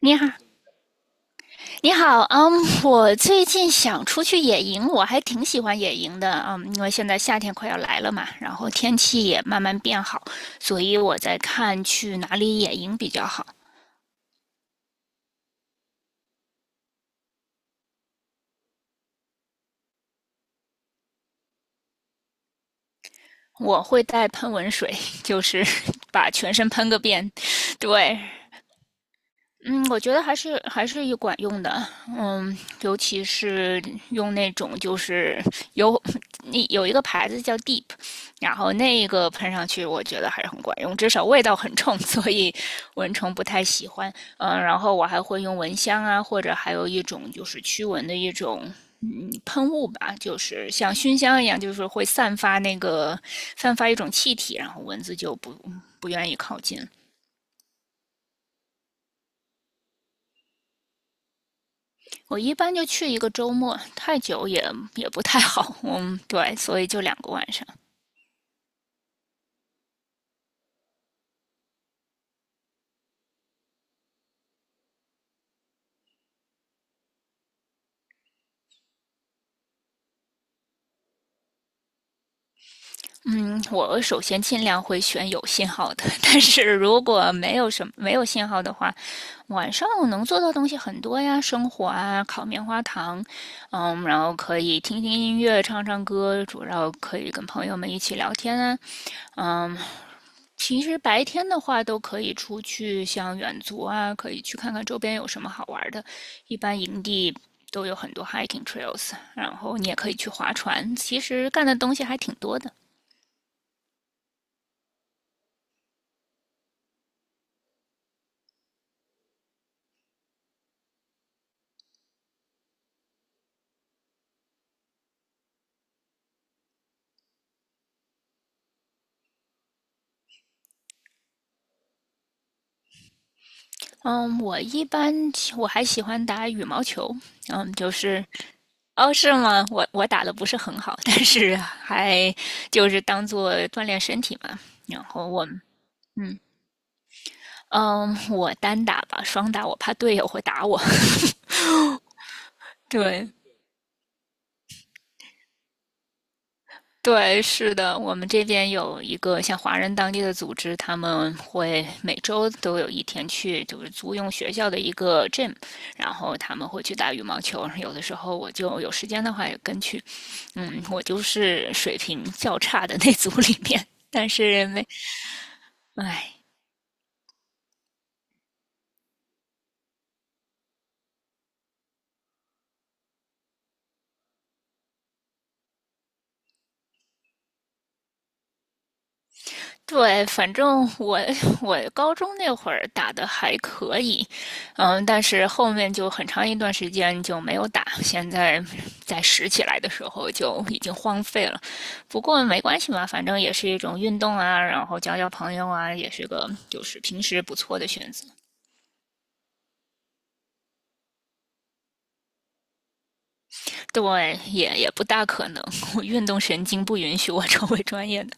你好，你好，我最近想出去野营，我还挺喜欢野营的，因为现在夏天快要来了嘛，然后天气也慢慢变好，所以我在看去哪里野营比较好。我会带喷蚊水，就是 把全身喷个遍。对，嗯，我觉得还是有管用的。嗯，尤其是用那种就是有，那有一个牌子叫 Deep，然后那个喷上去，我觉得还是很管用，至少味道很冲，所以蚊虫不太喜欢。嗯，然后我还会用蚊香啊，或者还有一种就是驱蚊的一种喷雾吧，就是像熏香一样，就是会散发那个，散发一种气体，然后蚊子就不愿意靠近了。我一般就去一个周末，太久也不太好。嗯，对，所以就两个晚上。嗯，我首先尽量会选有信号的，但是如果没有信号的话，晚上我能做到东西很多呀，生火啊，烤棉花糖，嗯，然后可以听听音乐，唱唱歌，主要可以跟朋友们一起聊天啊。嗯，其实白天的话都可以出去，像远足啊，可以去看看周边有什么好玩的。一般营地都有很多 hiking trails,然后你也可以去划船。其实干的东西还挺多的。嗯，我一般我还喜欢打羽毛球。嗯，就是哦，是吗？我打的不是很好，但是还就是当做锻炼身体嘛。然后我嗯嗯，我单打吧，双打我怕队友会打我。对。对，是的，我们这边有一个像华人当地的组织，他们会每周都有一天去，就是租用学校的一个 gym,然后他们会去打羽毛球。有的时候我就有时间的话也跟去，嗯，我就是水平较差的那组里面，但是没，唉，对，反正我，我高中那会儿打的还可以。嗯，但是后面就很长一段时间就没有打，现在在拾起来的时候就已经荒废了。不过没关系嘛，反正也是一种运动啊，然后交交朋友啊，也是个就是平时不错的选择。对，也不大可能，我运动神经不允许我成为专业的。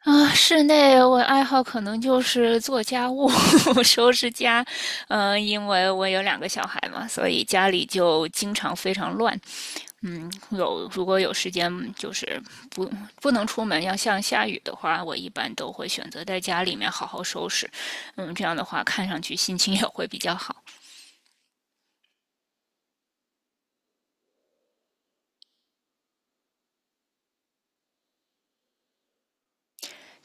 啊，室内我爱好可能就是做家务、收拾家。嗯，因为我有两个小孩嘛，所以家里就经常非常乱。嗯，有如果有时间，就是不不能出门，要像下雨的话，我一般都会选择在家里面好好收拾。嗯，这样的话看上去心情也会比较好。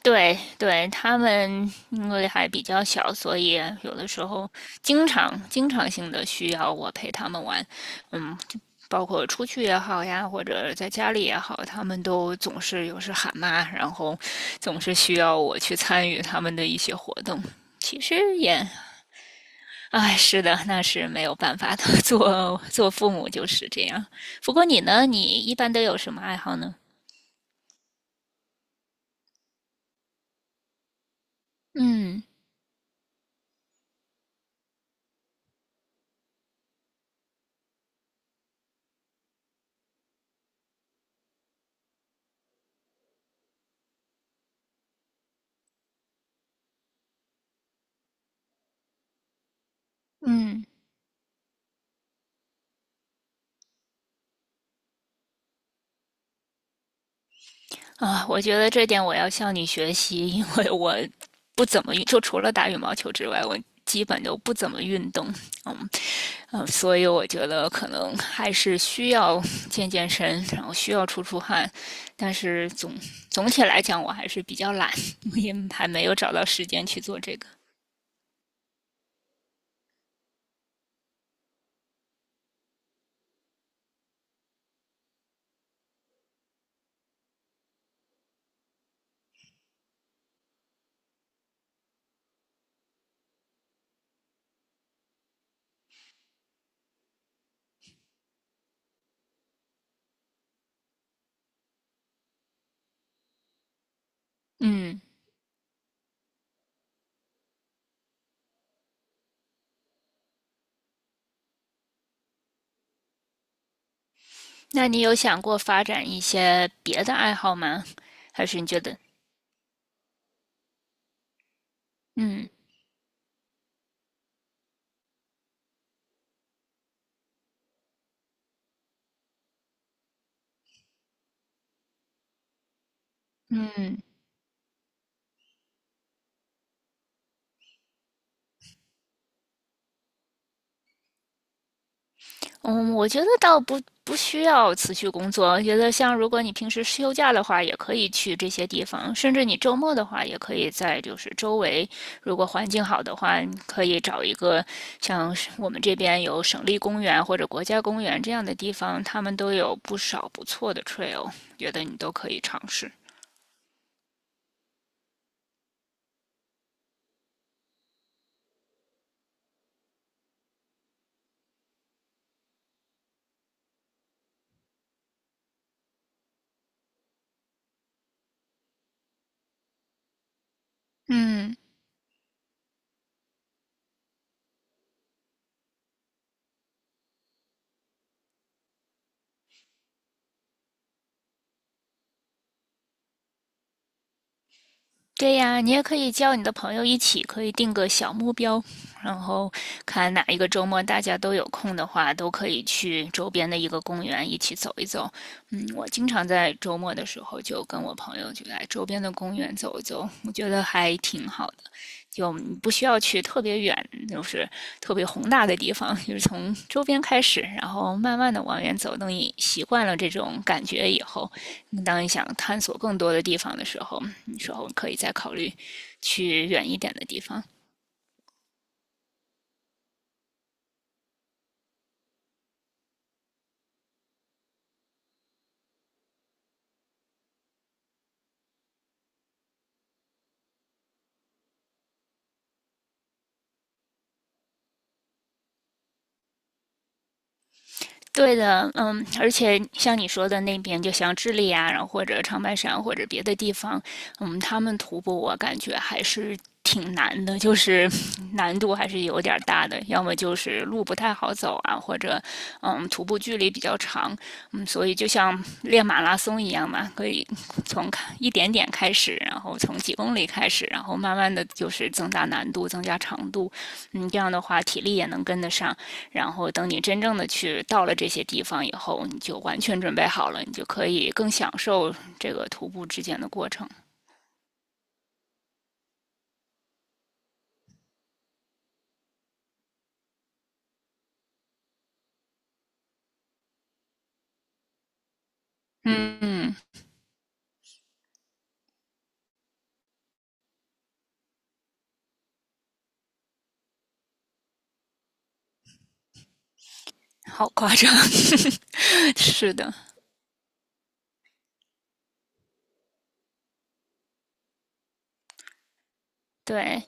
对对，他们因为还比较小，所以有的时候经常性的需要我陪他们玩。嗯，就包括出去也好呀，或者在家里也好，他们都总是有时喊妈，然后总是需要我去参与他们的一些活动。其实也，哎，是的，那是没有办法的，做做父母就是这样。不过你呢？你一般都有什么爱好呢？嗯嗯啊，我觉得这点我要向你学习，因为我不怎么运，就除了打羽毛球之外，我基本都不怎么运动。嗯嗯，所以我觉得可能还是需要健健身，然后需要出出汗。但是总体来讲，我还是比较懒，我也还没有找到时间去做这个。嗯，那你有想过发展一些别的爱好吗？还是你觉得，嗯嗯。嗯，我觉得倒不需要辞去工作。我觉得像如果你平时休假的话，也可以去这些地方，甚至你周末的话，也可以在就是周围，如果环境好的话，你可以找一个像是我们这边有省立公园或者国家公园这样的地方，他们都有不少不错的 trail,觉得你都可以尝试。嗯。对呀，你也可以叫你的朋友一起，可以定个小目标，然后看哪一个周末大家都有空的话，都可以去周边的一个公园一起走一走。嗯，我经常在周末的时候就跟我朋友就来周边的公园走一走，我觉得还挺好的。就你不需要去特别远，就是特别宏大的地方，就是从周边开始，然后慢慢的往远走。等你习惯了这种感觉以后，当你想探索更多的地方的时候，你说我可以再考虑去远一点的地方。对的，嗯，而且像你说的那边，就像智利啊，然后或者长白山或者别的地方，嗯，他们徒步我感觉还是挺难的，就是 难度还是有点儿大的，要么就是路不太好走啊，或者嗯，徒步距离比较长，嗯，所以就像练马拉松一样嘛，可以从一点点开始，然后从几公里开始，然后慢慢的就是增大难度，增加长度。嗯，这样的话体力也能跟得上。然后等你真正的去到了这些地方以后，你就完全准备好了，你就可以更享受这个徒步之间的过程。嗯，好夸张，是的，对。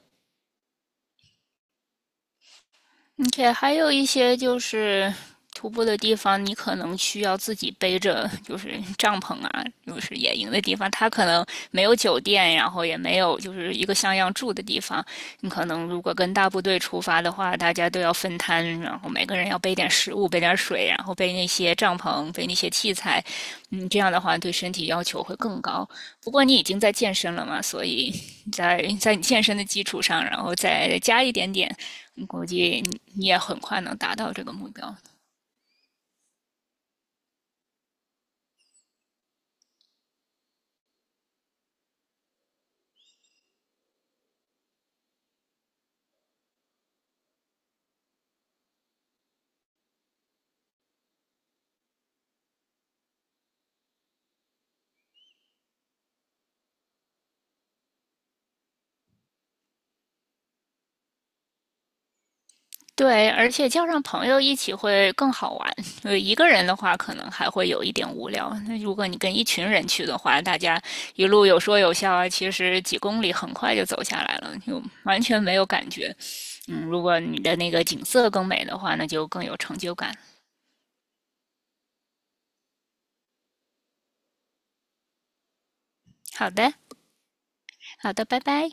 而且还有一些就是徒步的地方，你可能需要自己背着，就是帐篷啊，就是野营的地方，它可能没有酒店，然后也没有就是一个像样住的地方。你可能如果跟大部队出发的话，大家都要分摊，然后每个人要背点食物、背点水，然后背那些帐篷、背那些器材。嗯，这样的话对身体要求会更高。不过你已经在健身了嘛，所以在你健身的基础上，然后再加一点点，估计你也很快能达到这个目标。对，而且叫上朋友一起会更好玩。呃，一个人的话可能还会有一点无聊。那如果你跟一群人去的话，大家一路有说有笑啊，其实几公里很快就走下来了，就完全没有感觉。嗯，如果你的那个景色更美的话，那就更有成就感。好的，好的，拜拜。